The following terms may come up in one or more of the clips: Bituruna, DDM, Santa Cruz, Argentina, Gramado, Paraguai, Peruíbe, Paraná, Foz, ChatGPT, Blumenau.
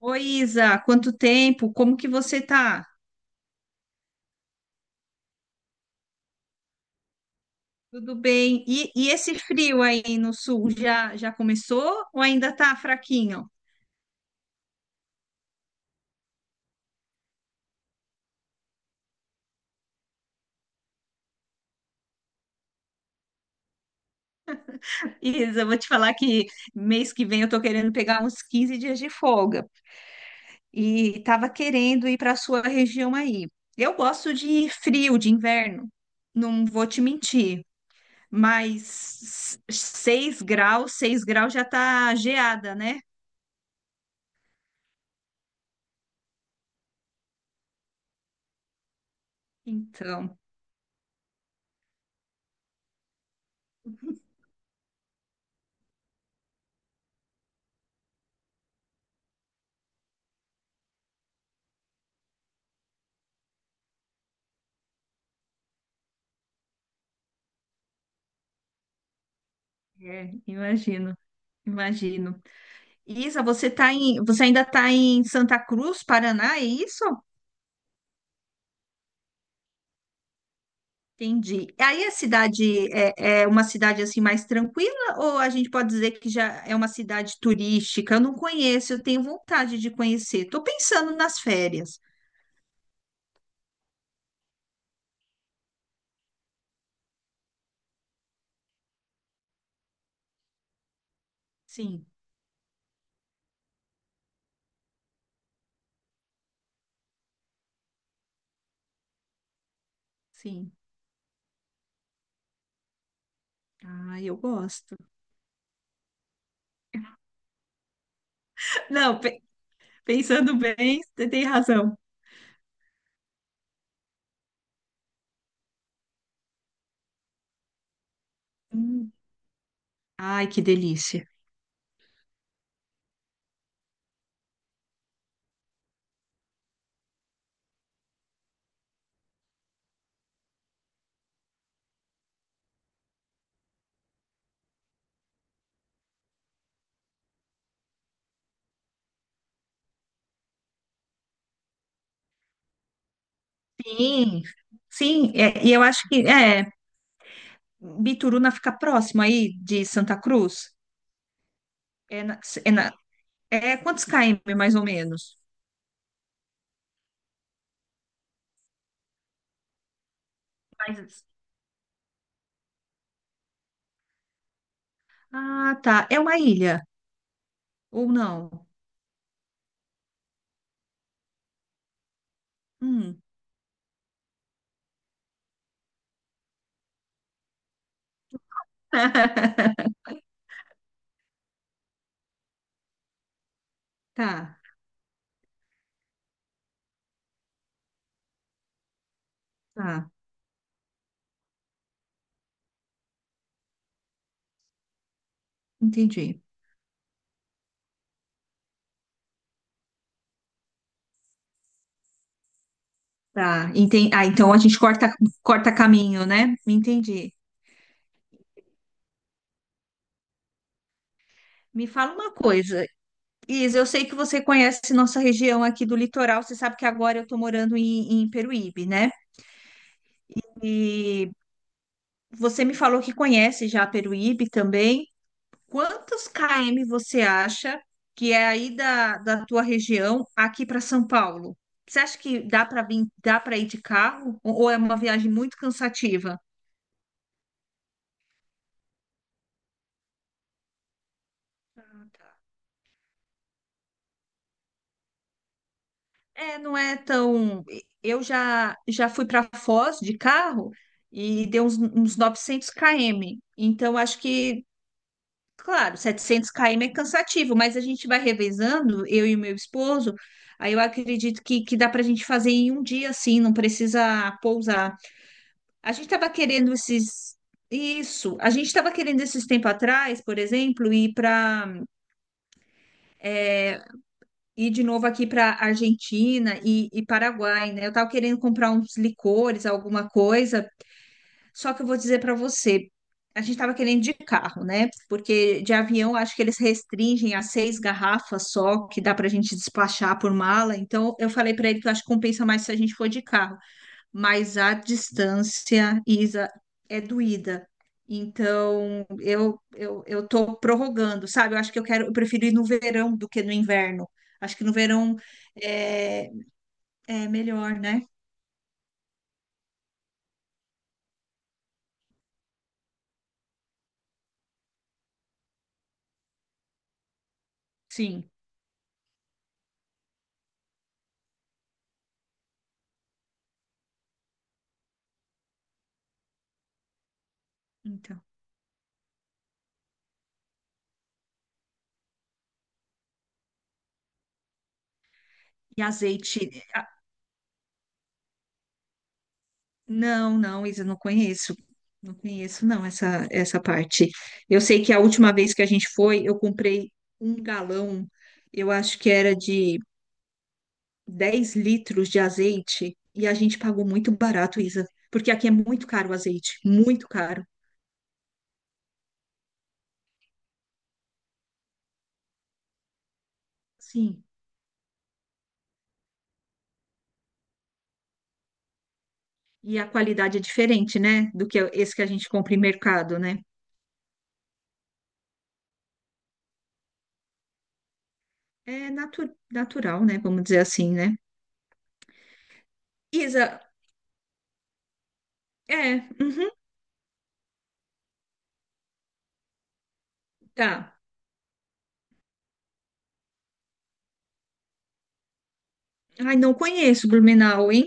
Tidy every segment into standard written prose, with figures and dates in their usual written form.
Oi, Isa, quanto tempo? Como que você tá? Tudo bem? E esse frio aí no sul já começou ou ainda tá fraquinho? Isa, eu vou te falar que mês que vem eu tô querendo pegar uns 15 dias de folga e tava querendo ir para a sua região aí. Eu gosto de frio, de inverno, não vou te mentir, mas 6 graus, 6 graus já tá geada, né? Então, imagino, imagino. Isa, você ainda está em Santa Cruz, Paraná, é isso? Entendi. Aí a cidade é uma cidade assim mais tranquila ou a gente pode dizer que já é uma cidade turística? Eu não conheço, eu tenho vontade de conhecer. Estou pensando nas férias. Sim, sim. Ah, eu gosto. Não, pensando bem, você tem razão. Hum. Ai, que delícia. Sim, sim, é, e eu acho que é, Bituruna fica próximo aí de Santa Cruz. É na, É quantos km, mais ou menos? Mas- Ah, tá. É uma ilha, ou não? Hum, tá, tá. Entendi. Tá, Ah, então a gente corta caminho, né? Entendi. Me fala uma coisa, Isa, eu sei que você conhece nossa região aqui do litoral, você sabe que agora eu estou morando em Peruíbe, né? E você me falou que conhece já Peruíbe também. Quantos km você acha que é aí da tua região aqui para São Paulo? Você acha que dá para vir, dá para ir de carro? Ou é uma viagem muito cansativa? É, não é tão. Eu já fui para Foz de carro e deu uns 900 km. Então acho que, claro, 700 km é cansativo, mas a gente vai revezando, eu e o meu esposo. Aí eu acredito que dá para a gente fazer em um dia assim, não precisa pousar. A gente estava querendo esses. Isso. A gente estava querendo esses tempo atrás, por exemplo, ir de novo aqui para Argentina e Paraguai, né? Eu estava querendo comprar uns licores, alguma coisa. Só que eu vou dizer para você, a gente estava querendo de carro, né? Porque de avião acho que eles restringem a 6 garrafas só que dá para a gente despachar por mala. Então eu falei para ele que eu acho que compensa mais se a gente for de carro. Mas a distância, Isa, é doída. Então, eu tô prorrogando, sabe? Eu acho que eu quero, eu prefiro ir no verão do que no inverno. Acho que no verão é, é melhor, né? Sim. Então. E azeite? Ah, não, não, Isa, não conheço. Não conheço, não, essa parte. Eu sei que a última vez que a gente foi, eu comprei um galão, eu acho que era de 10 litros de azeite e a gente pagou muito barato, Isa, porque aqui é muito caro o azeite, muito caro. Sim, e a qualidade é diferente, né, do que esse que a gente compra em mercado, né? É natural, né, vamos dizer assim, né? Isa, é, uhum, tá. Ai, não conheço Blumenau, hein?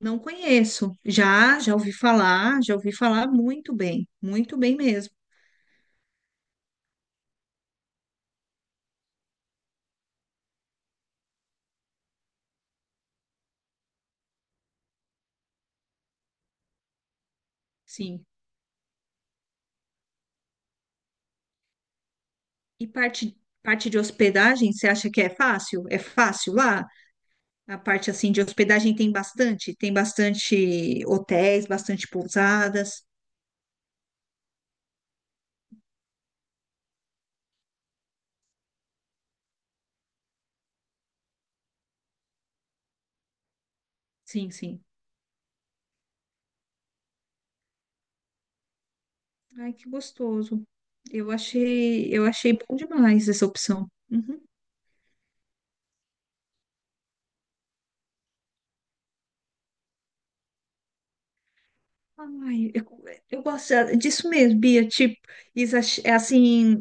Não conheço. Já ouvi falar, já ouvi falar muito bem mesmo. Sim. E parte de hospedagem, você acha que é fácil? É fácil lá? A parte assim de hospedagem tem bastante hotéis, bastante pousadas. Sim, sim. Ai, que gostoso. Eu achei bom demais essa opção. Uhum. Ai, eu gosto disso mesmo, Bia. Tipo, isso é assim,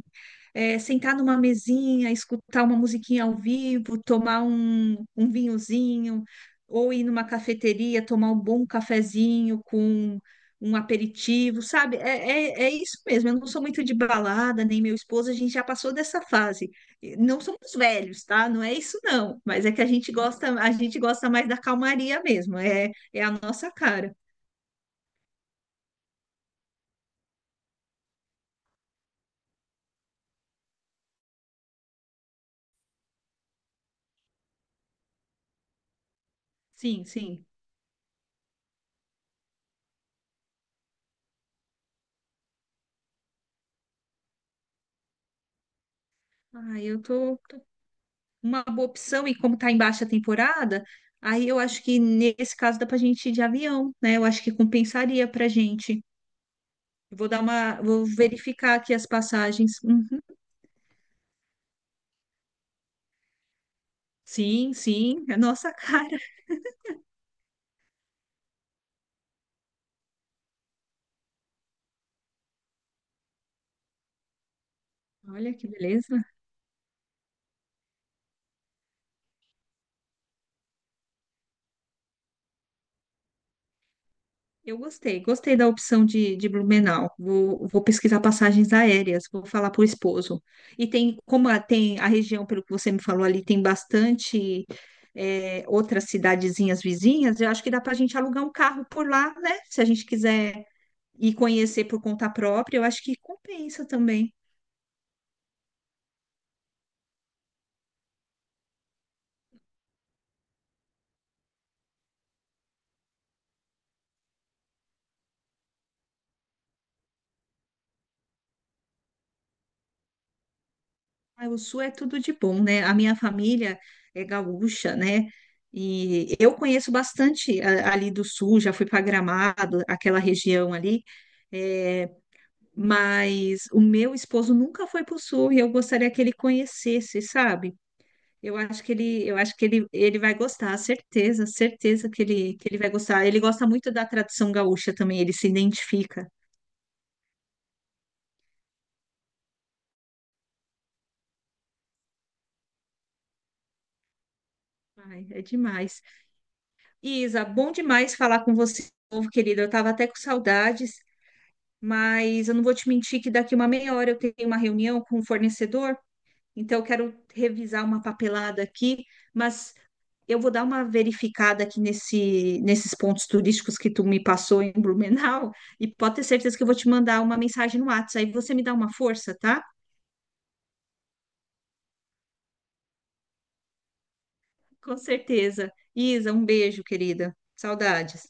é, sentar numa mesinha, escutar uma musiquinha ao vivo, tomar um vinhozinho, ou ir numa cafeteria, tomar um bom cafezinho com um aperitivo, sabe? É isso mesmo. Eu não sou muito de balada, nem meu esposo, a gente já passou dessa fase. E não somos velhos, tá? Não é isso, não. Mas é que a gente gosta mais da calmaria mesmo. É, é a nossa cara. Sim, sim. Ah, uma boa opção e como está em baixa temporada, aí eu acho que nesse caso dá para a gente ir de avião, né? Eu acho que compensaria para a gente. Vou verificar aqui as passagens. Uhum. Sim, sim, é nossa cara. Olha que beleza. Eu gostei da opção de Blumenau. Vou pesquisar passagens aéreas, vou falar para o esposo. E tem, tem a região, pelo que você me falou ali, tem bastante, outras cidadezinhas vizinhas, eu acho que dá para a gente alugar um carro por lá, né? Se a gente quiser ir conhecer por conta própria, eu acho que compensa também. Ai, o Sul é tudo de bom, né? A minha família é gaúcha, né? E eu conheço bastante ali do Sul, já fui para Gramado, aquela região ali, é, mas o meu esposo nunca foi para o Sul e eu gostaria que ele conhecesse, sabe? Eu acho que ele, ele vai gostar, certeza que ele vai gostar. Ele gosta muito da tradição gaúcha também, ele se identifica. Ai, é demais. Isa, bom demais falar com você, de novo, querida. Eu estava até com saudades. Mas eu não vou te mentir que daqui uma meia hora eu tenho uma reunião com o fornecedor, então eu quero revisar uma papelada aqui, mas eu vou dar uma verificada aqui nesses pontos turísticos que tu me passou em Blumenau, e pode ter certeza que eu vou te mandar uma mensagem no WhatsApp, aí você me dá uma força, tá? Com certeza. Isa, um beijo, querida. Saudades.